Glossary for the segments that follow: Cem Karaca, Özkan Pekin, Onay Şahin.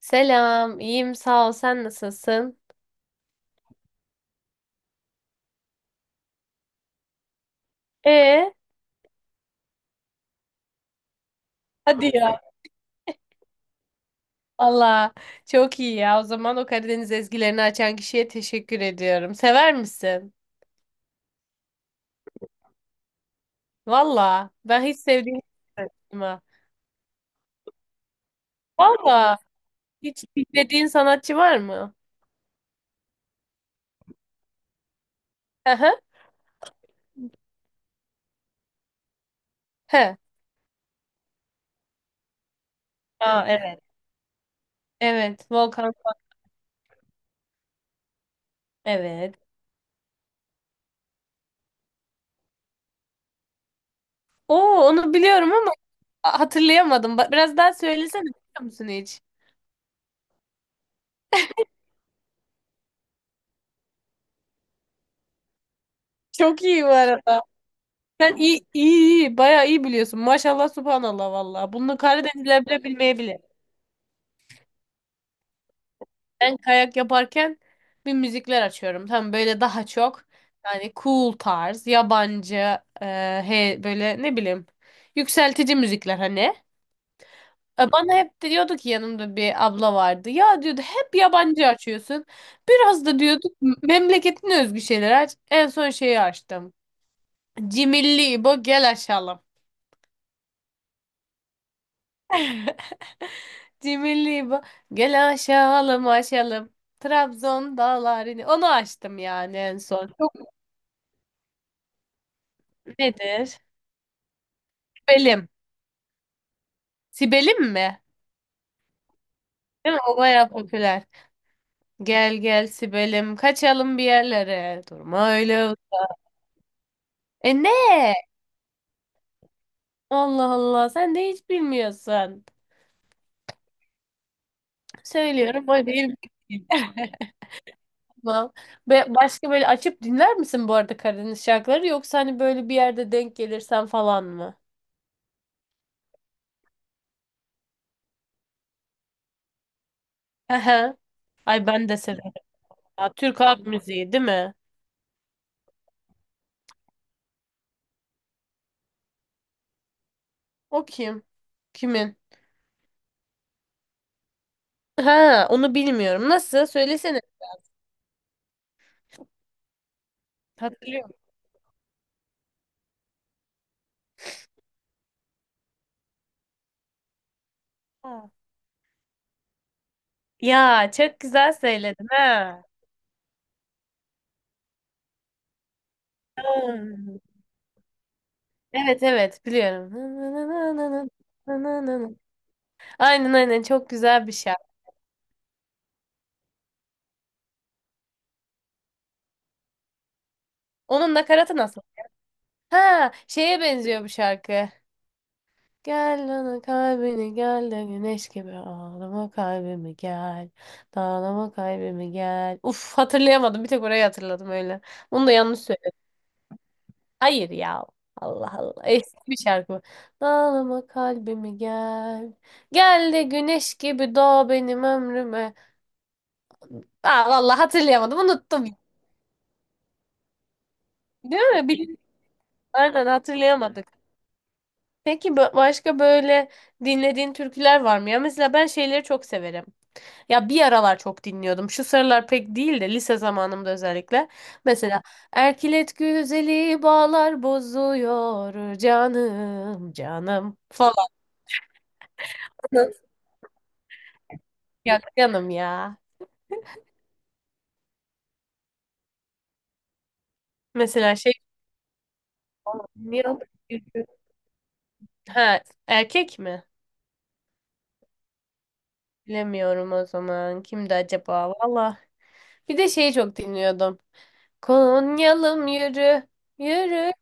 Selam, iyiyim sağ ol. Sen nasılsın? Ee, hadi ya. Allah çok iyi ya. O zaman o Karadeniz ezgilerini açan kişiye teşekkür ediyorum. Sever misin? Valla ben hiç sevdiğim sanatçıma. Valla hiç dinlediğin sanatçı var mı? Hı hı. He. Aa, evet. Evet. Volkan. Evet. Oo onu biliyorum ama hatırlayamadım. Biraz daha söylesene biliyor musun hiç? Çok iyi bu arada. Sen bayağı iyi biliyorsun. Maşallah, subhanallah vallahi. Bunu Karadenizler bile bilmeyebilir. Ben kayak yaparken bir müzikler açıyorum. Tam böyle daha çok yani cool tarz, yabancı, böyle ne bileyim yükseltici müzikler hani. Bana hep diyordu ki yanımda bir abla vardı. Ya diyordu hep yabancı açıyorsun. Biraz da diyorduk memleketine özgü şeyler aç. En son şeyi açtım. Cimilli İbo gel aşağılam. Cimri bu. Gel aşalım aşalım. Trabzon dağlarını. Onu açtım yani en son. Çok nedir? Sibelim. Sibelim mi? Değil mi? O bayağı popüler. Gel gel Sibelim. Kaçalım bir yerlere. Durma öyle. E ne? Allah Allah. Sen de hiç bilmiyorsun. Söylüyorum. O değil. Tamam. Ve başka böyle açıp dinler misin bu arada Karadeniz şarkıları? Yoksa hani böyle bir yerde denk gelirsen falan mı? Aha ay ben de severim. Ya, Türk halk müziği değil mi? O kim? Kimin? Ha, onu bilmiyorum. Nasıl? Söylesene. Hatırlıyorum. Ha. Ya çok güzel söyledin ha. Hmm. Evet evet biliyorum. Aynen aynen çok güzel bir şarkı. Onun nakaratı nasıl? Ha şeye benziyor bu şarkı. Gel bana kalbini gel de güneş gibi ağlama kalbimi gel. Dağlama kalbimi gel. Uf hatırlayamadım bir tek orayı hatırladım öyle. Onu da yanlış. Hayır ya. Allah Allah. Eski bir şarkı bu. Dağlama kalbimi gel. Gel de güneş gibi doğ benim ömrüme. Aa, vallahi hatırlayamadım. Unuttum. Değil mi? Aynen hatırlayamadık. Peki başka böyle dinlediğin türküler var mı ya? Mesela ben şeyleri çok severim. Ya bir aralar çok dinliyordum. Şu sıralar pek değil de lise zamanımda özellikle. Mesela Erkilet güzeli bağlar bozuyor canım canım falan. Ya canım ya. Mesela şey niye o- Ha, erkek mi? Bilemiyorum o zaman. Kimdi acaba? Valla. Bir de şeyi çok dinliyordum. Konyalım yürü. Yürü.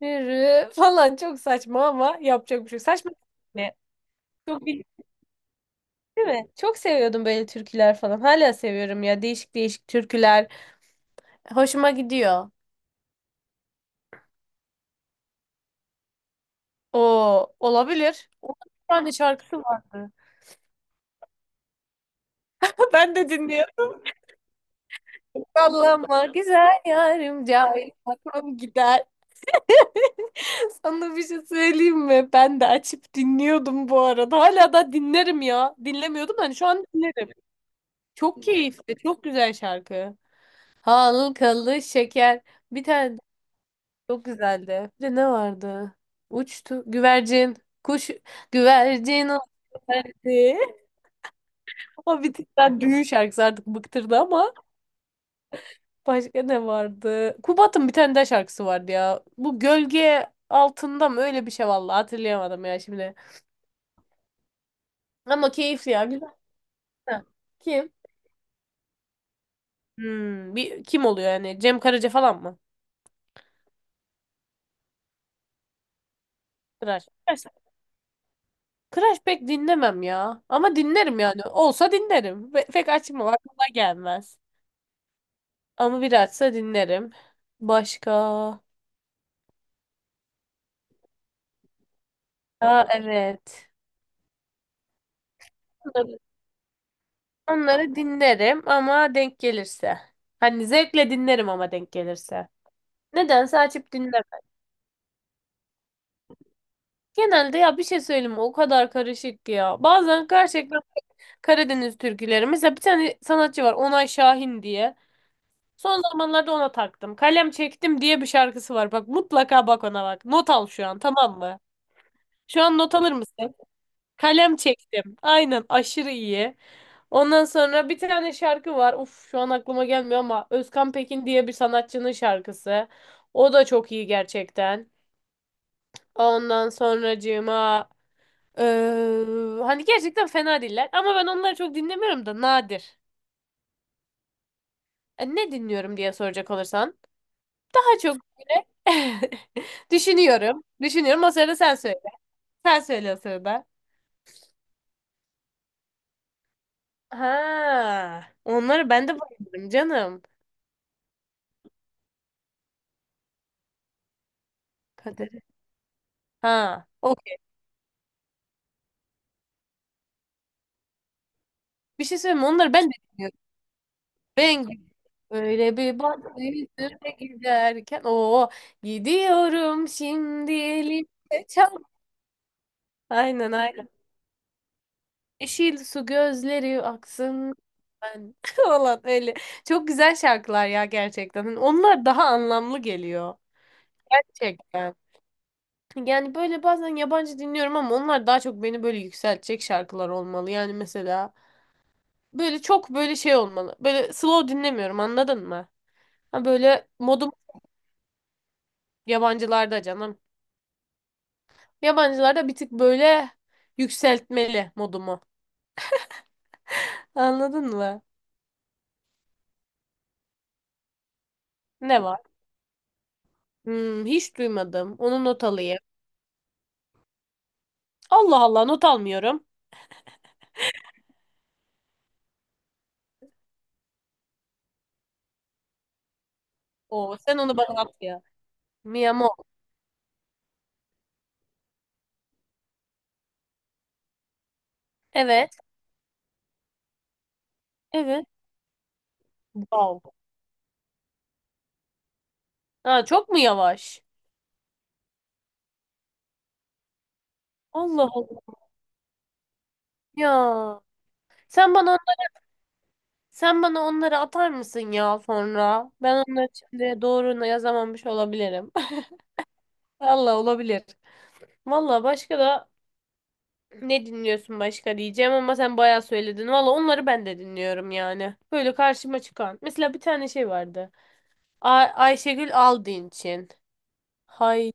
Yürü. Falan çok saçma ama yapacak bir şey yok. Saçma ne? Çok iyi değil mi? Çok seviyordum böyle türküler falan. Hala seviyorum ya. Değişik değişik türküler. Hoşuma gidiyor. O olabilir. Onun bir tane şarkısı vardı. Ben de dinliyorum. Sallama güzel yarım cahil aklım gider. Sana bir şey söyleyeyim mi? Ben de açıp dinliyordum bu arada. Hala da dinlerim ya. Dinlemiyordum hani şu an dinlerim. Çok keyifli, çok güzel şarkı. Halkalı şeker. Bir tane de çok güzeldi. Bir de ne vardı? Uçtu güvercin. Kuş güvercin o geldi. O bir tık daha düğün şarkısı artık bıktırdı ama. Başka ne vardı? Kubat'ın bir tane daha şarkısı vardı ya. Bu gölge altında mı? Öyle bir şey vallahi hatırlayamadım ya şimdi. Ama keyifli ya güzel. Ha. Kim? Hmm, bir, kim oluyor yani? Cem Karaca falan mı? Kıraş. Kıraş Kıraş pek dinlemem ya. Ama dinlerim yani. Olsa dinlerim. Pek açmam aklıma gelmez. Ama bir açsa dinlerim. Başka. Aa evet. Onları, onları dinlerim ama denk gelirse. Hani zevkle dinlerim ama denk gelirse. Nedense açıp dinleme. Genelde ya bir şey söyleyeyim mi? O kadar karışık ki ya. Bazen gerçekten Karadeniz türküleri. Mesela bir tane sanatçı var Onay Şahin diye. Son zamanlarda ona taktım. Kalem çektim diye bir şarkısı var. Bak mutlaka bak ona bak. Not al şu an tamam mı? Şu an not alır mısın? Kalem çektim. Aynen aşırı iyi. Ondan sonra bir tane şarkı var. Uf şu an aklıma gelmiyor ama Özkan Pekin diye bir sanatçının şarkısı. O da çok iyi gerçekten. Ondan sonracığıma hani gerçekten fena değiller ama ben onları çok dinlemiyorum da nadir. Ne dinliyorum diye soracak olursan daha çok düşünüyorum. Düşünüyorum o sırada sen söyle. Sen söyle o sırada. Ha, onları ben de bayılırım canım. Kader. Ha, okey. Bir şey söyleyeyim mi? Onları ben de dinliyorum. Ben öyle bir baktı yüzüme giderken o gidiyorum şimdi elimde çal. Aynen aynen. Yeşil su gözleri aksın ben falan öyle. Çok güzel şarkılar ya gerçekten. Hani onlar daha anlamlı geliyor. Gerçekten. Yani böyle bazen yabancı dinliyorum ama onlar daha çok beni böyle yükseltecek şarkılar olmalı. Yani mesela böyle çok böyle şey olmalı. Böyle slow dinlemiyorum anladın mı? Ha böyle modum yabancılarda canım. Yabancılarda bir tık böyle yükseltmeli modumu. Anladın mı? Ne var? Hmm, hiç duymadım. Onu not alayım. Allah Allah not almıyorum. Oo, sen onu bana at ya. Miyamo. Evet. Evet. Wow. Ha, çok mu yavaş? Allah Allah. Ya. Sen bana sen bana onları atar mısın ya sonra? Ben onları şimdi doğru yazamamış olabilirim. Allah olabilir. Valla başka da ne dinliyorsun başka diyeceğim ama sen bayağı söyledin. Valla onları ben de dinliyorum yani. Böyle karşıma çıkan. Mesela bir tane şey vardı. Ay Ayşegül Aldinç'in. Hay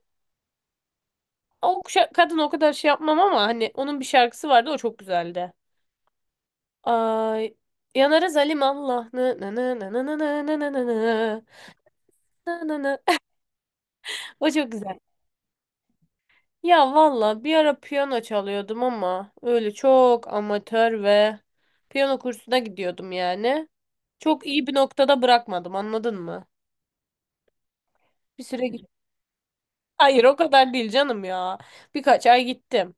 o kadın o kadar şey yapmam ama hani onun bir şarkısı vardı o çok güzeldi. Ay yanarız Halim Allah. Nı nı nı nı nı nı nı nı nı nı nı. Nı nı nı. O çok güzel. Ya valla bir ara piyano çalıyordum ama öyle çok amatör ve piyano kursuna gidiyordum yani. Çok iyi bir noktada bırakmadım anladın mı? Bir süre gittim. Hayır o kadar değil canım ya. Birkaç ay gittim.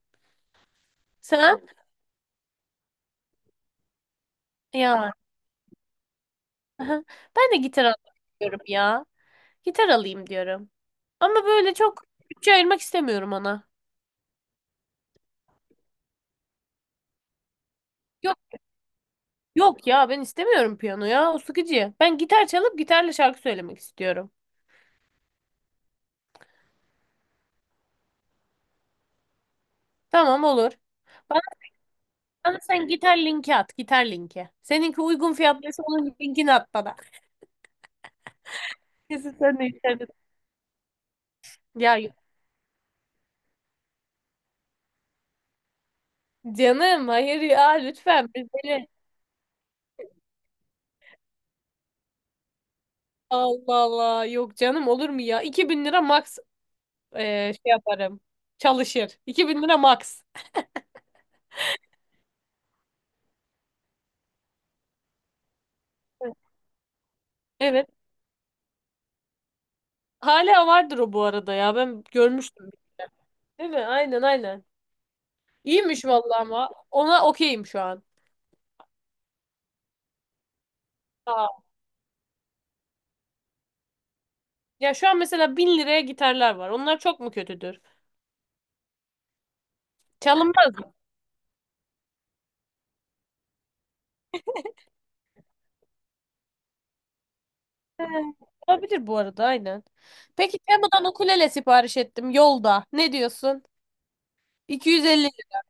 Sen? Ya. Aha. Ben de gitar alıyorum ya. Gitar alayım diyorum. Ama böyle çok bütçe ayırmak istemiyorum ona. Yok yok ya ben istemiyorum piyano ya o sıkıcı. Ben gitar çalıp gitarla şarkı söylemek istiyorum. Tamam olur. Bana, bana sen gitar linki at gitar linki. Seninki uygun fiyatlıysa onun linkini at bana. Kesin sen de istedin. Ya yok. Canım hayır ya lütfen biz böyle. Allah Allah yok canım olur mu ya 2.000 lira max, şey yaparım çalışır 2.000 lira max. Evet. Hala vardır o bu arada ya. Ben görmüştüm. Değil mi? Aynen aynen. İyiymiş vallahi ama ona okeyim şu an. Aa. Ya şu an mesela 1.000 liraya gitarlar var. Onlar çok mu kötüdür? Çalınmaz mı? He, olabilir bu arada aynen. Peki Temu'dan ukulele sipariş ettim yolda. Ne diyorsun? 250 lira.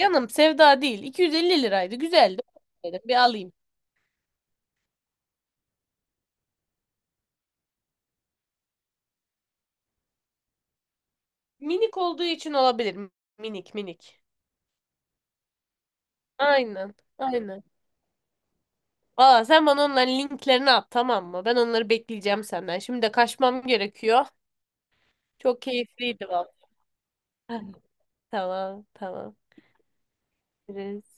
Canım sevda değil. 250 liraydı. Güzeldi. Dedim bir alayım. Minik olduğu için olabilir. Minik minik. Aynen. Aynen. Aa, sen bana onların linklerini at tamam mı? Ben onları bekleyeceğim senden. Şimdi de kaçmam gerekiyor. Çok keyifliydi valla. Tamam tamam. Görüşürüz.